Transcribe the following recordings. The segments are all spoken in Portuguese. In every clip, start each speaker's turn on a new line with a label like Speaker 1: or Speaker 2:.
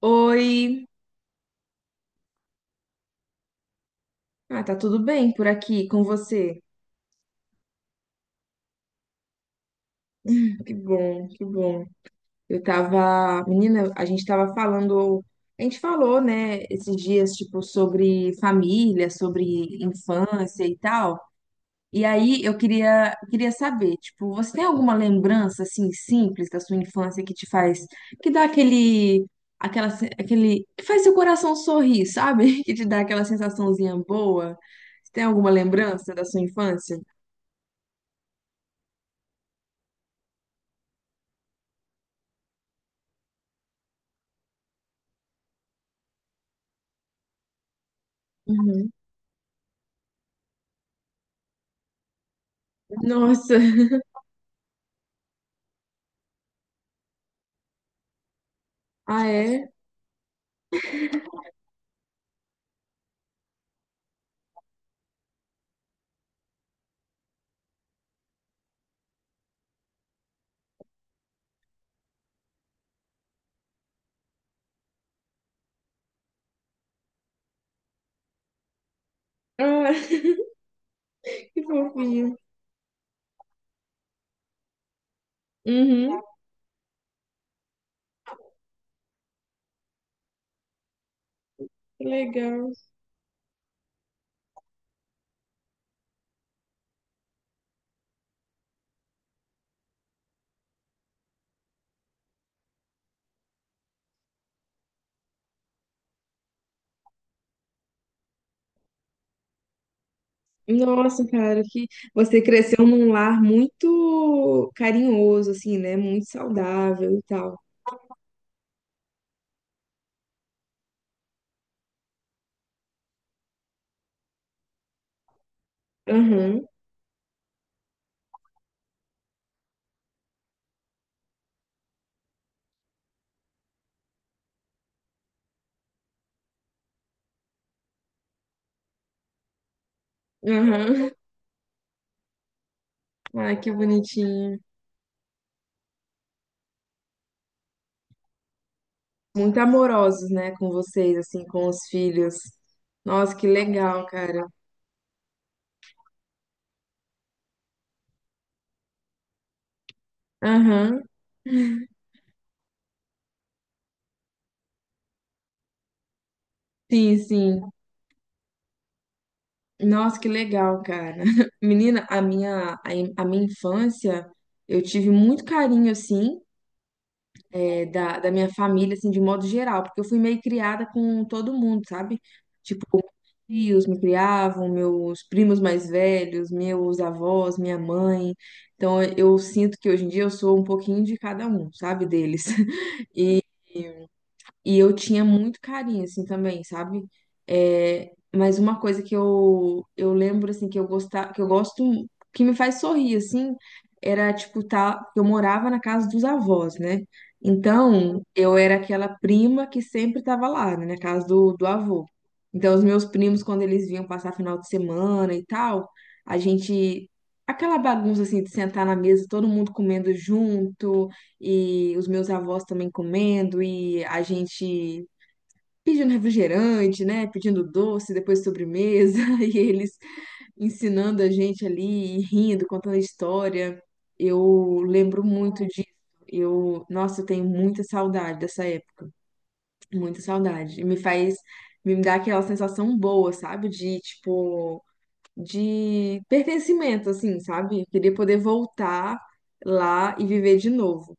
Speaker 1: Oi, tá tudo bem por aqui com você? Que bom, que bom. Eu tava, menina, a gente tava falando, a gente falou, né, esses dias, tipo, sobre família, sobre infância e tal. E aí eu queria saber, tipo, você tem alguma lembrança assim simples da sua infância que te faz, que dá aquele, aquela, se- aquele, que faz seu coração sorrir, sabe? Que te dá aquela sensaçãozinha boa? Você tem alguma lembrança da sua infância? Nossa, ah é? Ah, que fofinho. Uhum, que legal. Nossa, cara, que você cresceu num lar muito carinhoso, assim, né? Muito saudável e tal. Aham, aham. Ai, que bonitinho. Muito amorosos, né, com vocês, assim, com os filhos. Nossa, que legal, cara. Aham, sim, sim. Nossa, que legal, cara. Menina, a minha infância, eu tive muito carinho, assim, é, da minha família, assim, de modo geral, porque eu fui meio criada com todo mundo, sabe? Tipo, meus tios me criavam, meus primos mais velhos, meus avós, minha mãe. Então, eu sinto que hoje em dia eu sou um pouquinho de cada um, sabe, deles. E e eu tinha muito carinho, assim, também, sabe? É, mas uma coisa que eu lembro, assim, que eu gostava, que eu gosto, que me faz sorrir, assim, era, tipo, tá, eu morava na casa dos avós, né? Então, eu era aquela prima que sempre tava lá, né, na casa do avô. Então, os meus primos, quando eles vinham passar final de semana e tal, a gente... Aquela bagunça, assim, de sentar na mesa, todo mundo comendo junto e os meus avós também comendo, e a gente pedindo refrigerante, né? Pedindo doce, depois sobremesa, e eles ensinando a gente ali, e rindo, contando a história. Eu lembro muito disso. Eu, nossa, eu tenho muita saudade dessa época, muita saudade. E me faz, me dá aquela sensação boa, sabe? De, tipo, de pertencimento, assim, sabe? Eu queria poder voltar lá e viver de novo.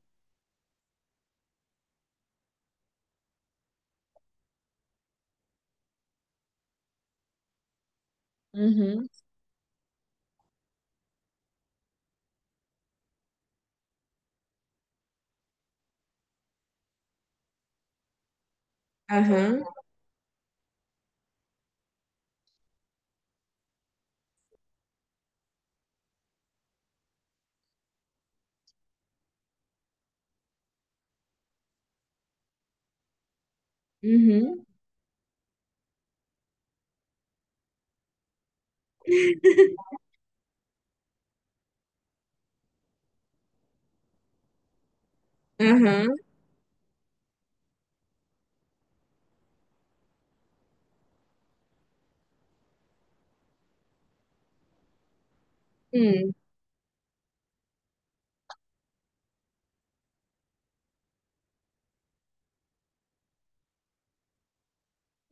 Speaker 1: Uhum. Aham. Uhum. Aham. Hum.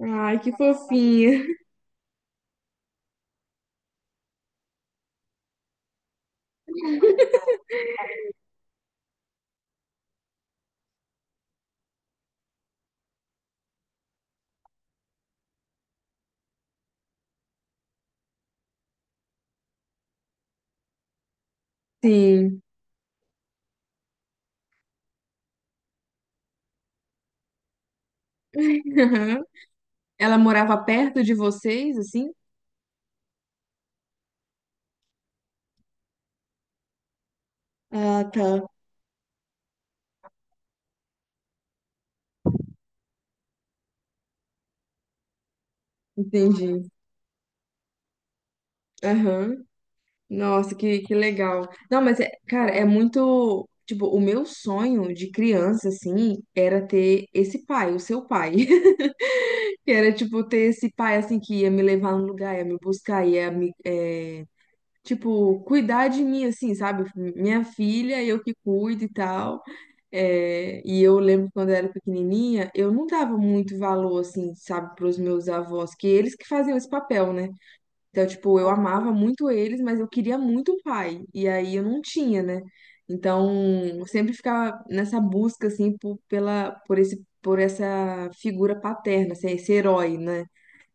Speaker 1: Ai, que fofinha. Sim. Aham. Ela morava perto de vocês, assim? Ah, tá. Entendi. Aham. Nossa, que legal. Não, mas, é, cara, é muito. Tipo, o meu sonho de criança, assim, era ter esse pai, o seu pai. Que era, tipo, ter esse pai, assim, que ia me levar no lugar, ia me buscar, ia me, é, tipo, cuidar de mim, assim, sabe? Minha filha, eu que cuido e tal. É, e eu lembro quando eu era pequenininha, eu não dava muito valor, assim, sabe, para os meus avós, que eles que faziam esse papel, né? Então, tipo, eu amava muito eles, mas eu queria muito um pai, e aí eu não tinha, né? Então, eu sempre ficava nessa busca, assim, por, pela, por esse, por essa figura paterna, assim, esse herói, né?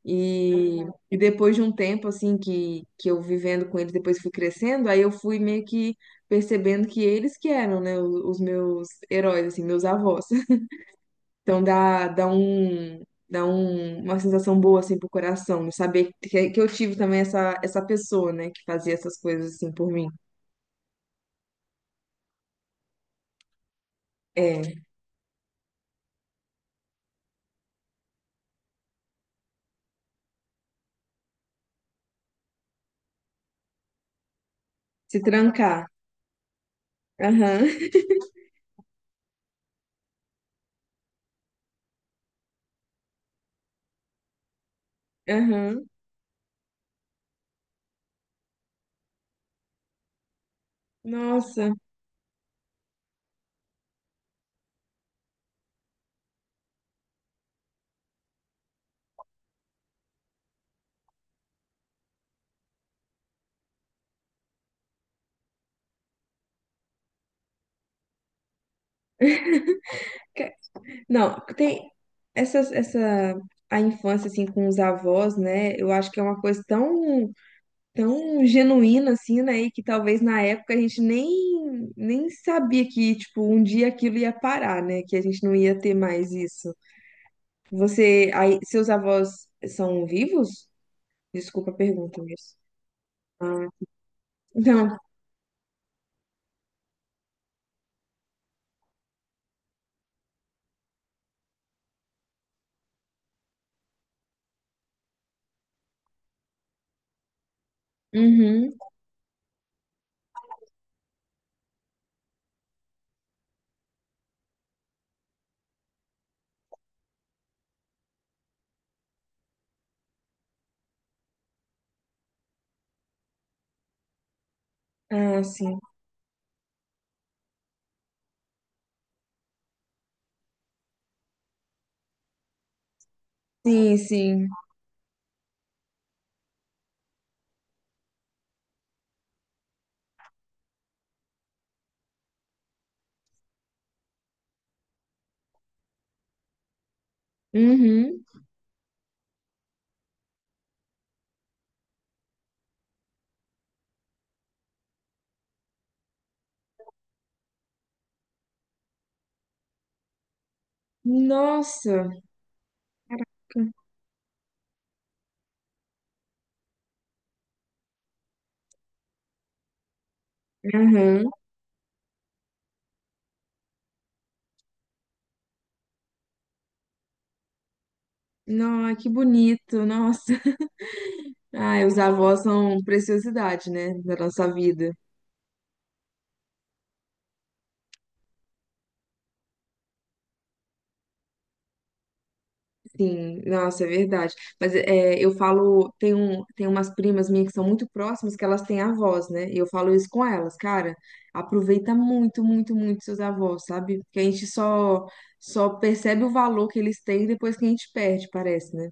Speaker 1: E, uhum, e depois de um tempo, assim, que eu vivendo com eles, depois fui crescendo, aí eu fui meio que percebendo que eles que eram, né, os meus heróis, assim, meus avós. Então dá uma sensação boa, assim, pro coração, de saber que eu tive também essa pessoa, né, que fazia essas coisas, assim, por mim. É, se trancar. Aham, aham. Nossa. Não, tem essa, essa a infância assim com os avós, né? Eu acho que é uma coisa tão genuína assim, né? E que talvez na época a gente nem sabia que tipo um dia aquilo ia parar, né? Que a gente não ia ter mais isso. Você, aí, seus avós são vivos? Desculpa a pergunta, mas ah, não. Uhum. Ah, sim. Sim, sim. Uhum. Nossa. Caraca. Uhum. Não, que bonito. Nossa. Ah, os avós são preciosidade, né, da nossa vida. Sim, nossa, é verdade. Mas é, eu falo, tem, um, tem umas primas minhas que são muito próximas que elas têm avós, né? E eu falo isso com elas, cara, aproveita muito, muito, muito seus avós, sabe? Porque a gente só, só percebe o valor que eles têm depois que a gente perde, parece, né?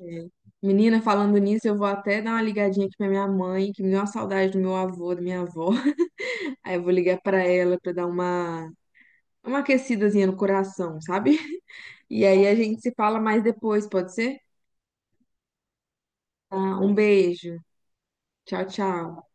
Speaker 1: É. Menina, falando nisso, eu vou até dar uma ligadinha aqui pra minha mãe, que me deu uma saudade do meu avô, da minha avó. Aí eu vou ligar pra ela pra dar uma aquecidazinha no coração, sabe? E aí a gente se fala mais depois, pode ser? Tá, um beijo. Tchau, tchau.